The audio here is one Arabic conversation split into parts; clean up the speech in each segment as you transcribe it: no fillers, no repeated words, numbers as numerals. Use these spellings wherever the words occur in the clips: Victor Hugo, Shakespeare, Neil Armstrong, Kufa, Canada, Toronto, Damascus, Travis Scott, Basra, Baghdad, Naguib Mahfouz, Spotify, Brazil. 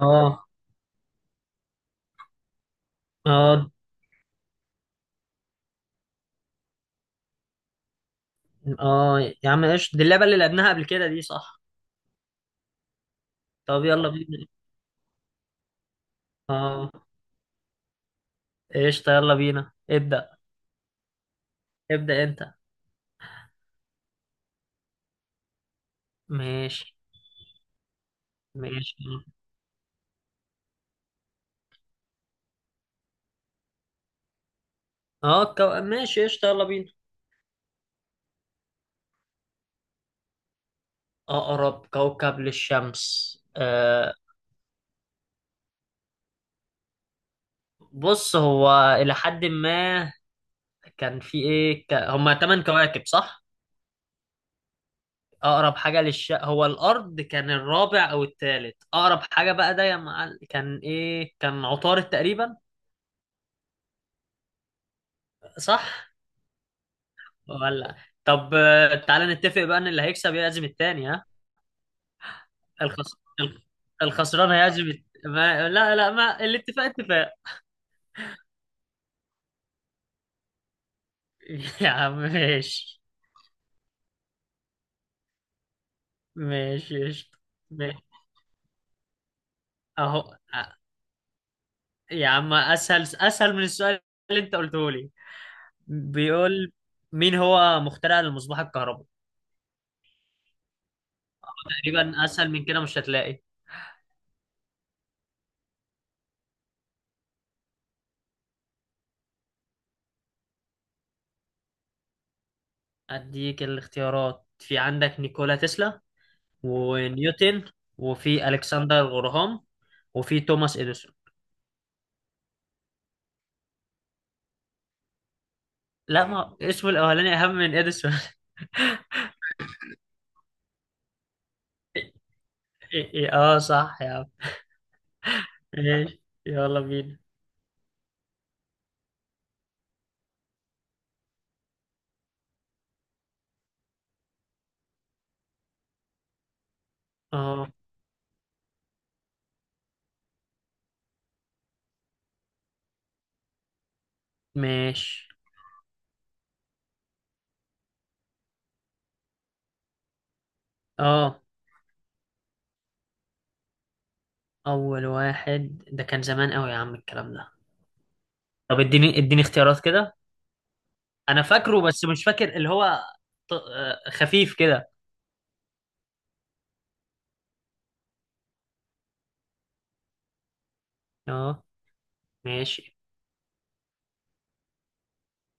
اه، اه، اه، يا عم قشطة. دي اللعبة اللي لعبناها قبل كده، دي صح؟ طب يلا بينا. اه، قشطة يلا بينا ابدأ. ابدأ انت. ماشي، ماشي. اه، ماشي قشطة يلا بينا. أقرب كوكب للشمس، بص هو إلى حد ما، كان في إيه، هما تمن كواكب صح؟ أقرب حاجة هو الأرض، كان الرابع أو الثالث أقرب حاجة. بقى ده كان إيه، كان عطارد تقريبا. صح ولا؟ طب، تعالى نتفق بقى ان اللي هيكسب يعزم التاني، ها؟ الخس... الخ- الخسران هيعزم ما... لا، لا، ما الاتفاق اتفاق. يا عم، ماشي، ماشي، قشطة. ماشي اهو، يا عم اسهل اسهل من السؤال اللي انت قلته لي. بيقول: مين هو مخترع المصباح الكهربائي؟ تقريبا اسهل من كده مش هتلاقي. اديك الاختيارات، في عندك نيكولا تسلا، ونيوتن، وفي الكسندر غراهام، وفي توماس اديسون. لا، ما اسمه الاولاني اهم من اديسون. إيه، اه، صح يا عم. ماشي يلا بينا. اه. ماشي. اه، اول واحد ده كان زمان قوي يا عم، الكلام ده. طب اديني اديني اختيارات كده. انا فاكره بس مش فاكر اللي هو، خفيف كده. اه، ماشي.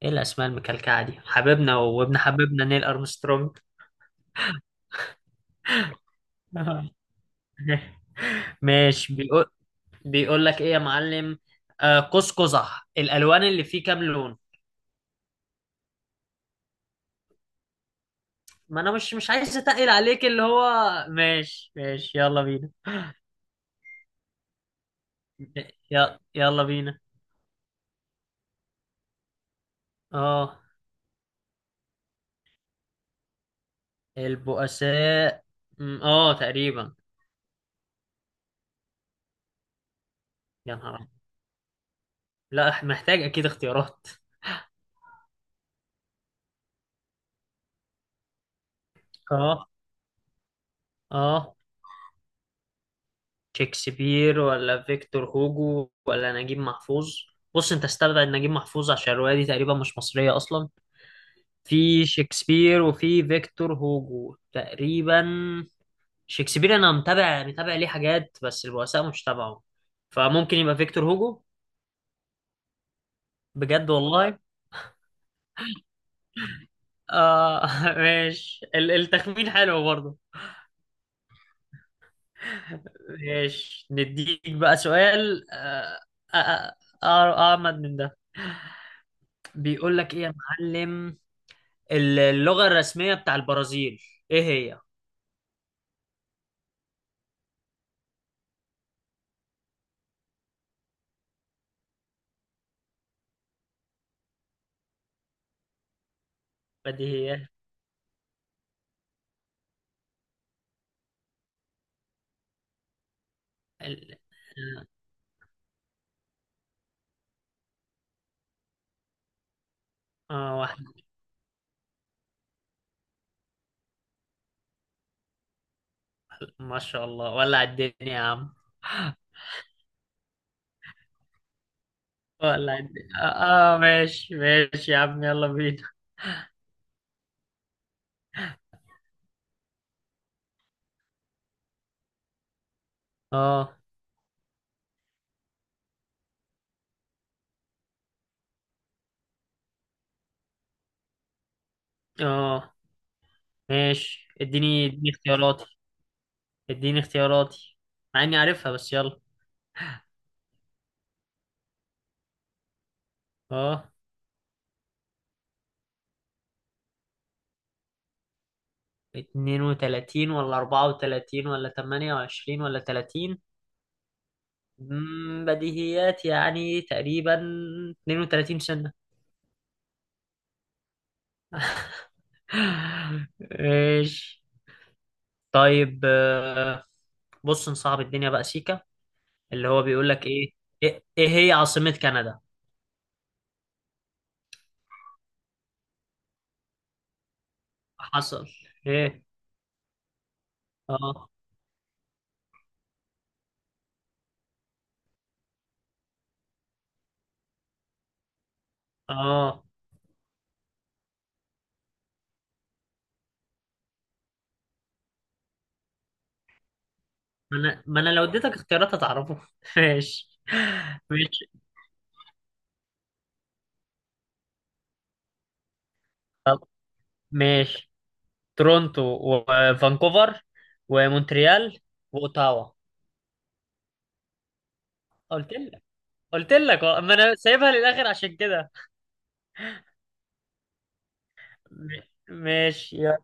ايه الاسماء المكلكعه دي؟ حبيبنا وابن حبيبنا نيل ارمسترونج. ماشي. بيقول لك ايه يا معلم؟ آه، قوس قزح الالوان اللي فيه كام لون؟ ما انا مش عايز اتقل عليك اللي هو. ماشي، ماشي، يلا بينا. يلا يلا بينا. اه، البؤساء، اه تقريبا. يا نهار أبيض. لا، محتاج اكيد اختيارات. اه، اه، شكسبير ولا فيكتور هوجو ولا نجيب محفوظ؟ بص انت، استبعد نجيب محفوظ عشان الرواية دي تقريبا مش مصرية اصلا. في شكسبير وفي فيكتور هوجو تقريبا. شكسبير انا متابع متابع ليه حاجات، بس البؤساء مش تابعه. فممكن يبقى فيكتور هوجو. بجد والله. آه. ماشي، التخمين حلو برضه. ماشي نديك بقى سؤال، آه آه أعمد من ده. بيقول لك ايه يا معلم؟ اللغة الرسمية بتاع البرازيل، ايه هي؟ بديهيات. ال- واحد. ما شاء الله، ولع الدنيا يا عم. ولع الدنيا. اه، ماشي ماشي يا عم، يلا بينا. اه، اه، ماشي. اديني اديني اختياراتي. اديني اختياراتي، مع اني عارفها بس يلا. اه، 32، ولا 34، ولا 28، ولا 30؟ بديهيات يعني تقريبا. 32 سنة. ماشي. طيب، بص نصعب الدنيا بقى سيكا. اللي هو بيقول لك ايه. إيه هي عاصمة كندا؟ حصل. ايه. اه، اه، ما انا لو اديتك اختيارات هتعرفه. ماشي. ماشي طب، ماشي. تورونتو، وفانكوفر، ومونتريال، واوتاوا. قلت لك، قلت لك، ما انا سايبها للاخر عشان كده. م- ماشي يا.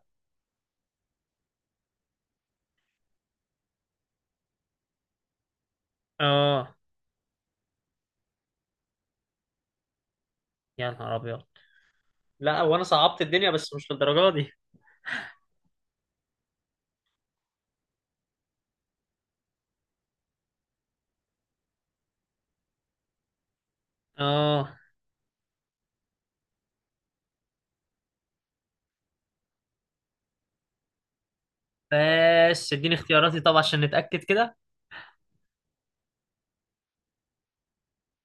اه، يا نهار ابيض. لا، وانا صعبت الدنيا بس مش للدرجه دي. اه، بس اديني اختياراتي طبعا عشان نتأكد كده.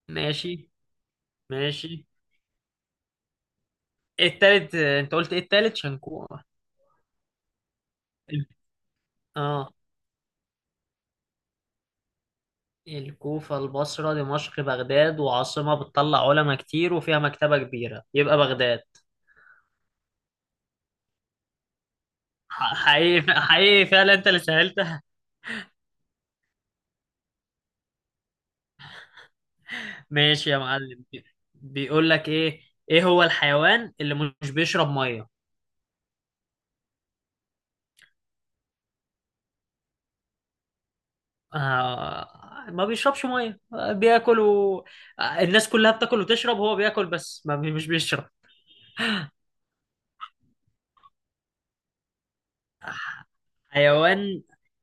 ماشي، ماشي. التالت انت قلت ايه، التالت شنكو؟ اه، الكوفة، البصرة، دمشق، بغداد. وعاصمة بتطلع علماء كتير وفيها مكتبة كبيرة، يبقى بغداد. حقيقي حقيقي فعلا انت اللي سهلتها. ماشي يا معلم. بيقول لك ايه؟ ايه هو الحيوان اللي مش بيشرب مية؟ آه، ما بيشربش مية، بياكل الناس كلها بتاكل وتشرب، هو بياكل بس ما بي... مش بيشرب. آه، حيوان.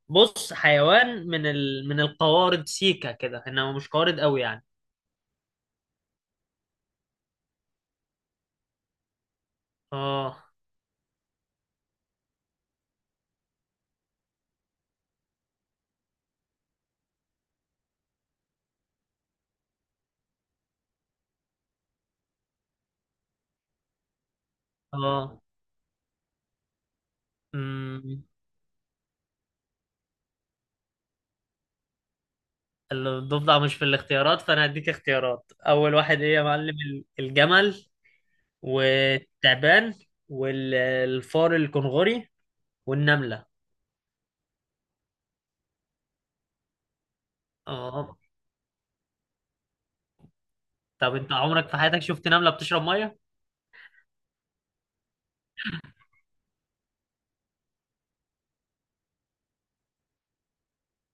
بص حيوان من من القوارض سيكا كده، انما مش قوارض قوي يعني. اه، اه، مم، الضفدع مش في الاختيارات، فانا هديك اختيارات. اول واحد ايه يا معلم؟ الجمل، والتعبان، والفار الكنغوري، والنملة. اه. طب انت عمرك في حياتك شفت نملة بتشرب مية؟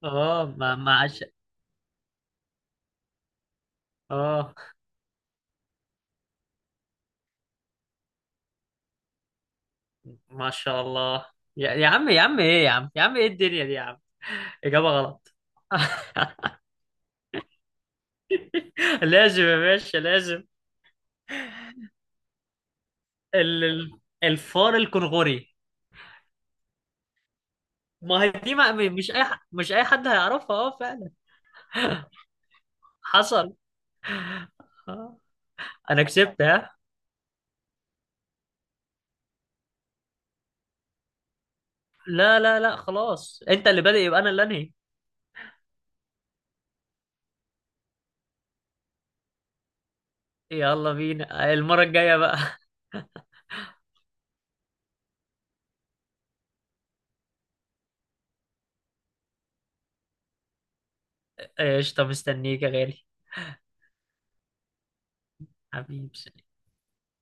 اه، ما ما عش... اه، ما شاء الله. يا عم يا عم، ايه الدنيا دي يا عم؟ اجابة غلط. لازم يا باشا، لازم. الفار الكنغوري. ما هي دي، ما... مش اي حد هيعرفها، اه فعلا. حصل. آه. انا كسبت، ها؟ لا، لا، لا، خلاص. انت اللي بادئ يبقى انا اللي انهي. يلا بينا المرة الجاية بقى. قشطة، مستنيك يا غالي. حبيبي.